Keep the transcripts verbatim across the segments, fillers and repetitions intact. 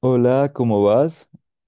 Hola, ¿cómo vas?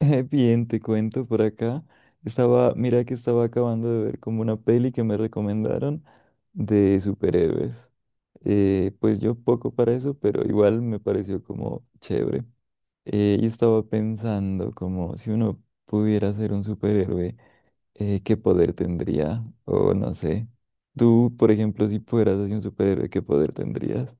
Eh, Bien, te cuento por acá. Estaba, mira que estaba acabando de ver como una peli que me recomendaron de superhéroes. Eh, pues yo poco para eso, pero igual me pareció como chévere. Eh, y estaba pensando como si uno pudiera ser un superhéroe, eh, ¿qué poder tendría? O no sé. Tú, por ejemplo, si fueras así un superhéroe, ¿qué poder tendrías?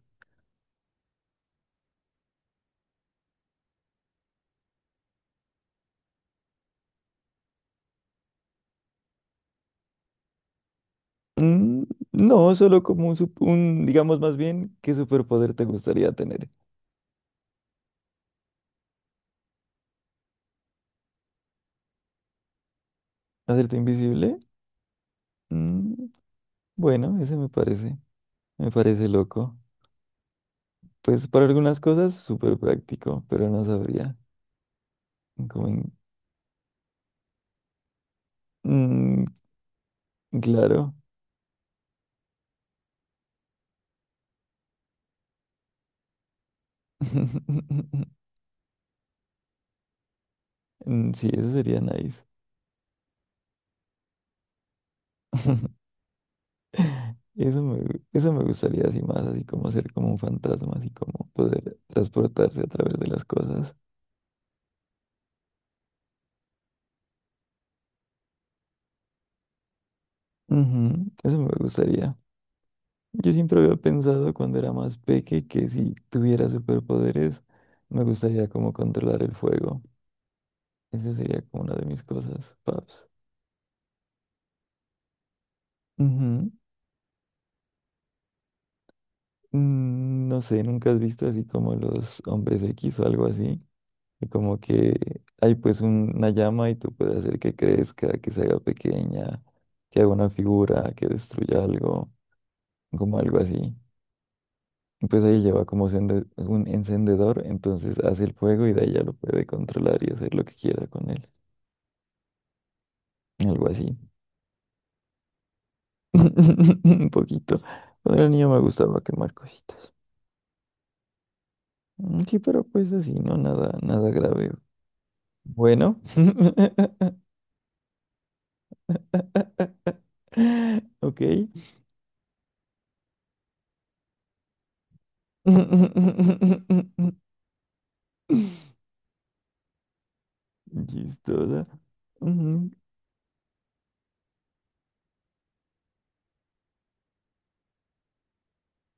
Mm, no, solo como un, sup- un, digamos más bien, ¿qué superpoder te gustaría tener? ¿Hacerte invisible? Mm, bueno, ese me parece, me parece loco. Pues para algunas cosas súper práctico, pero no sabría. Como en- Mm, claro. Mm, sí, eso sería nice. Eso me, gu- eso me gustaría así más, así como ser como un fantasma, así como poder transportarse a través de las cosas. Ujú, eso me gustaría. Yo siempre había pensado cuando era más peque que si tuviera superpoderes me gustaría como controlar el fuego. Esa sería como una de mis cosas, paps. Ujú. Mm, no sé, ¿nunca has visto así como los hombres X o algo así? Y como que hay pues un- una llama y tú puedes hacer que crezca, que se haga pequeña, que haga una figura, que destruya algo, como algo así. Y pues ahí lleva como su un encendedor, entonces hace el fuego y de ahí ya lo puede controlar y hacer lo que quiera con él. Algo así. Un poquito. Cuando era niño me gustaba quemar cositas. Mm, sí, pero pues así, no nada, nada grave. Bueno. Ok. Chistosa. Ujú.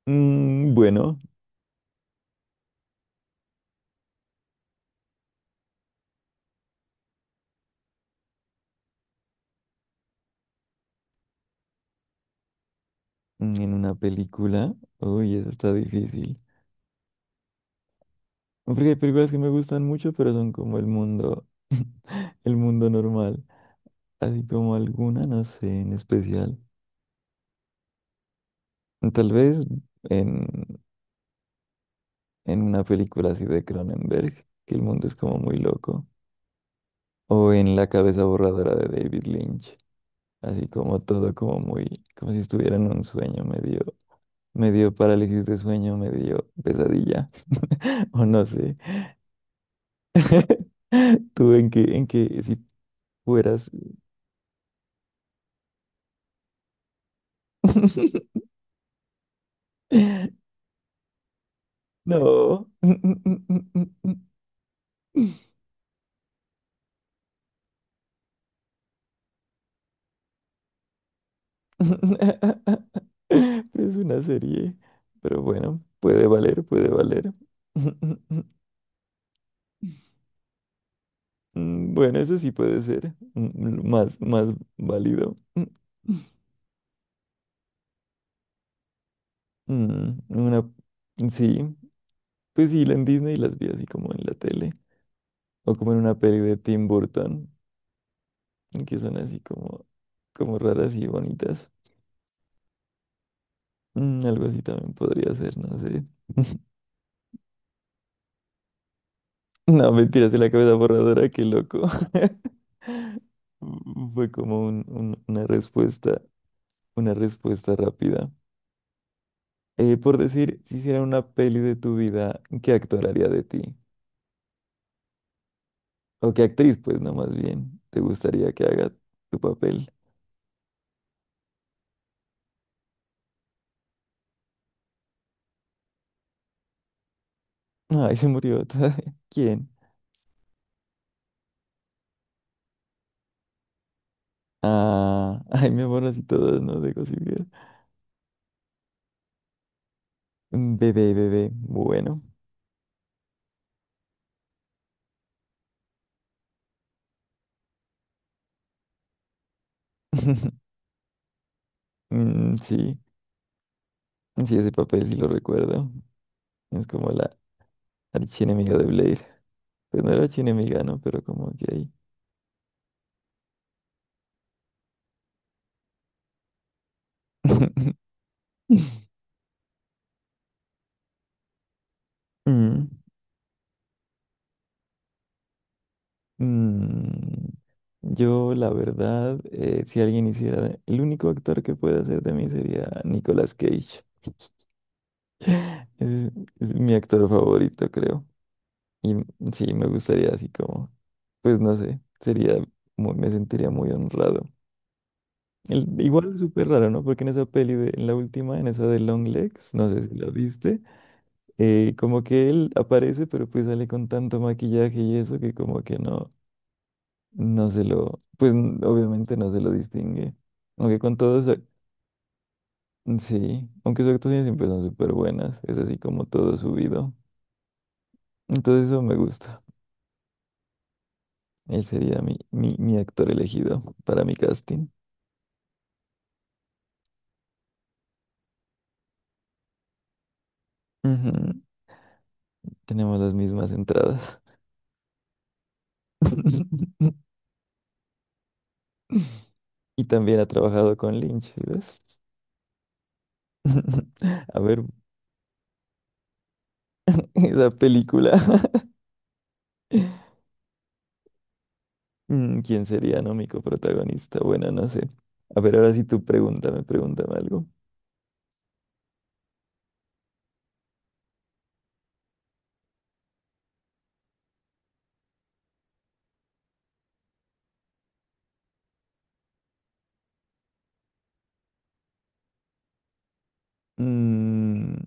Mm, bueno, en una película. Uy, eso está difícil. No, porque hay películas que me gustan mucho, pero son como el mundo, el mundo normal. Así como alguna, no sé, en especial. Tal vez en, en una película así de Cronenberg, que el mundo es como muy loco. O en La cabeza borradora de David Lynch. Así como todo como muy, como si estuviera en un sueño, medio, medio parálisis de sueño, medio pesadilla. O no sé. ¿Tú en qué, en qué, si fueras? No. Es una serie. Pero bueno, puede valer, puede valer. Mm, bueno, eso sí puede ser, mm, mm, más, más válido. Mm, mm, Una, sí, pues sí, la en Disney las vi así como en la tele. O como en una peli de Tim Burton, que son así como, como raras y bonitas. Mm, algo así también podría ser, no sé. No, mentiras, de la cabeza borradora, qué loco. Fue como un- un- una respuesta, una respuesta rápida. Eh, por decir, si hiciera una peli de tu vida, ¿qué actor haría de ti? O qué actriz, pues, no, más bien, te gustaría que haga tu papel. Ay, se murió. ¿Quién? Ah, ay, mi amor, así todas, no dejo sin ver. Mm, bebé, bebé, bueno. Mm, sí, sí, ese papel sí lo recuerdo. Es como la archienemiga de Blair. Pues no era chinemiga, ¿no? Pero como que ahí. Mm, mm. Yo, la verdad, eh, si alguien hiciera, el único actor que puede hacer de mí sería Nicolas Cage. Es, es mi actor favorito, creo. Y m- sí, me gustaría así como, pues no sé, sería, muy- me sentiría muy honrado. El, igual es súper raro, ¿no? Porque en esa peli de, en la última, en esa de Long Legs, no sé si la viste, eh, como que él aparece, pero pues sale con tanto maquillaje y eso que como que no, no se lo, pues n- obviamente no se lo distingue. Aunque con todos, sí, aunque sus actuaciones siempre son súper buenas, es así como todo subido. Entonces eso me gusta. Él sería mi, mi, mi actor elegido para mi casting. Ujú, tenemos las mismas entradas. Y también ha trabajado con Lynch, ¿sí ves? A ver, esa película. Mm, ¿quién sería, no, mi coprotagonista? Bueno, no sé. A ver, ahora sí tú pregúntame, pregúntame algo. Mm,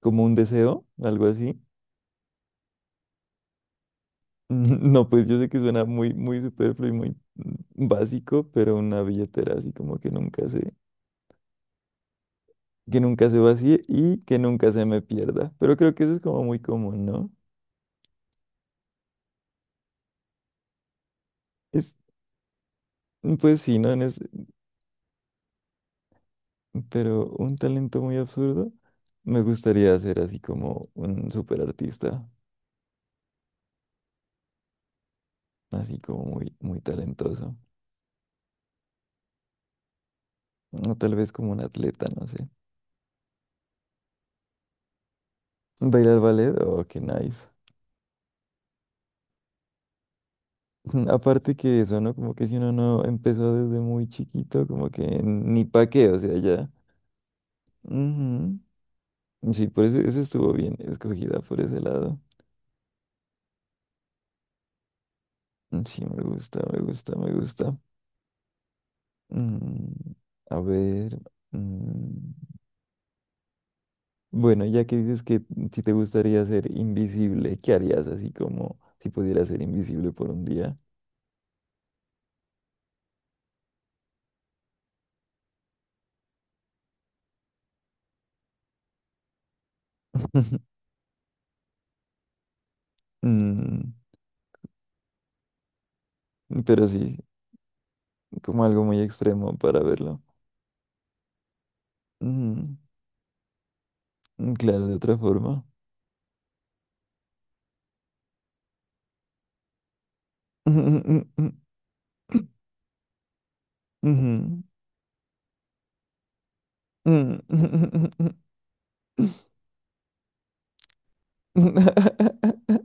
¿como un deseo? ¿Algo así? Mm, no, pues yo sé que suena muy, muy superfluo y muy mm, básico, pero una billetera así como que nunca se, que nunca se vacíe y que nunca se me pierda. Pero creo que eso es como muy común, ¿no? Es, mm, pues sí, ¿no? En ese- pero un talento muy absurdo. Me gustaría ser así como un superartista, así como muy, muy talentoso. O tal vez como un atleta, no sé. Bailar ballet, oh, qué nice. Aparte que eso, ¿no? Como que si uno no empezó desde muy chiquito, como que ni pa' qué, o sea, ya. Ujú. Sí, por eso, eso estuvo bien escogida por ese lado. Mm, sí, me gusta, me gusta, me gusta. Mm, a ver. Mm, bueno, ya que dices que si te gustaría ser invisible, ¿qué harías así como si pudieras ser invisible por un día? Mm, pero sí, como algo muy extremo para verlo. Ujú, mm, claro, de otra forma. Ujú, ujú, ujú, ujú.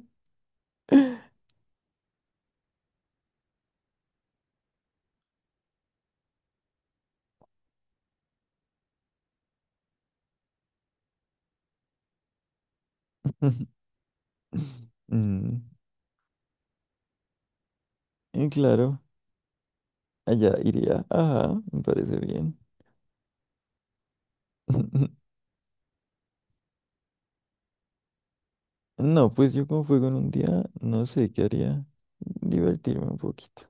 Mm, y claro, allá iría. Ajá, me parece bien. No, pues yo como fue con un día, no sé qué haría. Divertirme un poquito.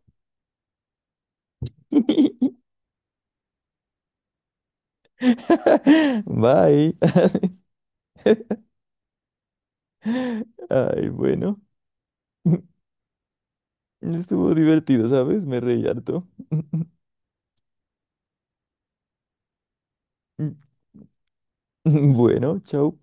Bye. Ay, bueno. Estuvo divertido, ¿sabes? Me reí harto. Bueno, chao.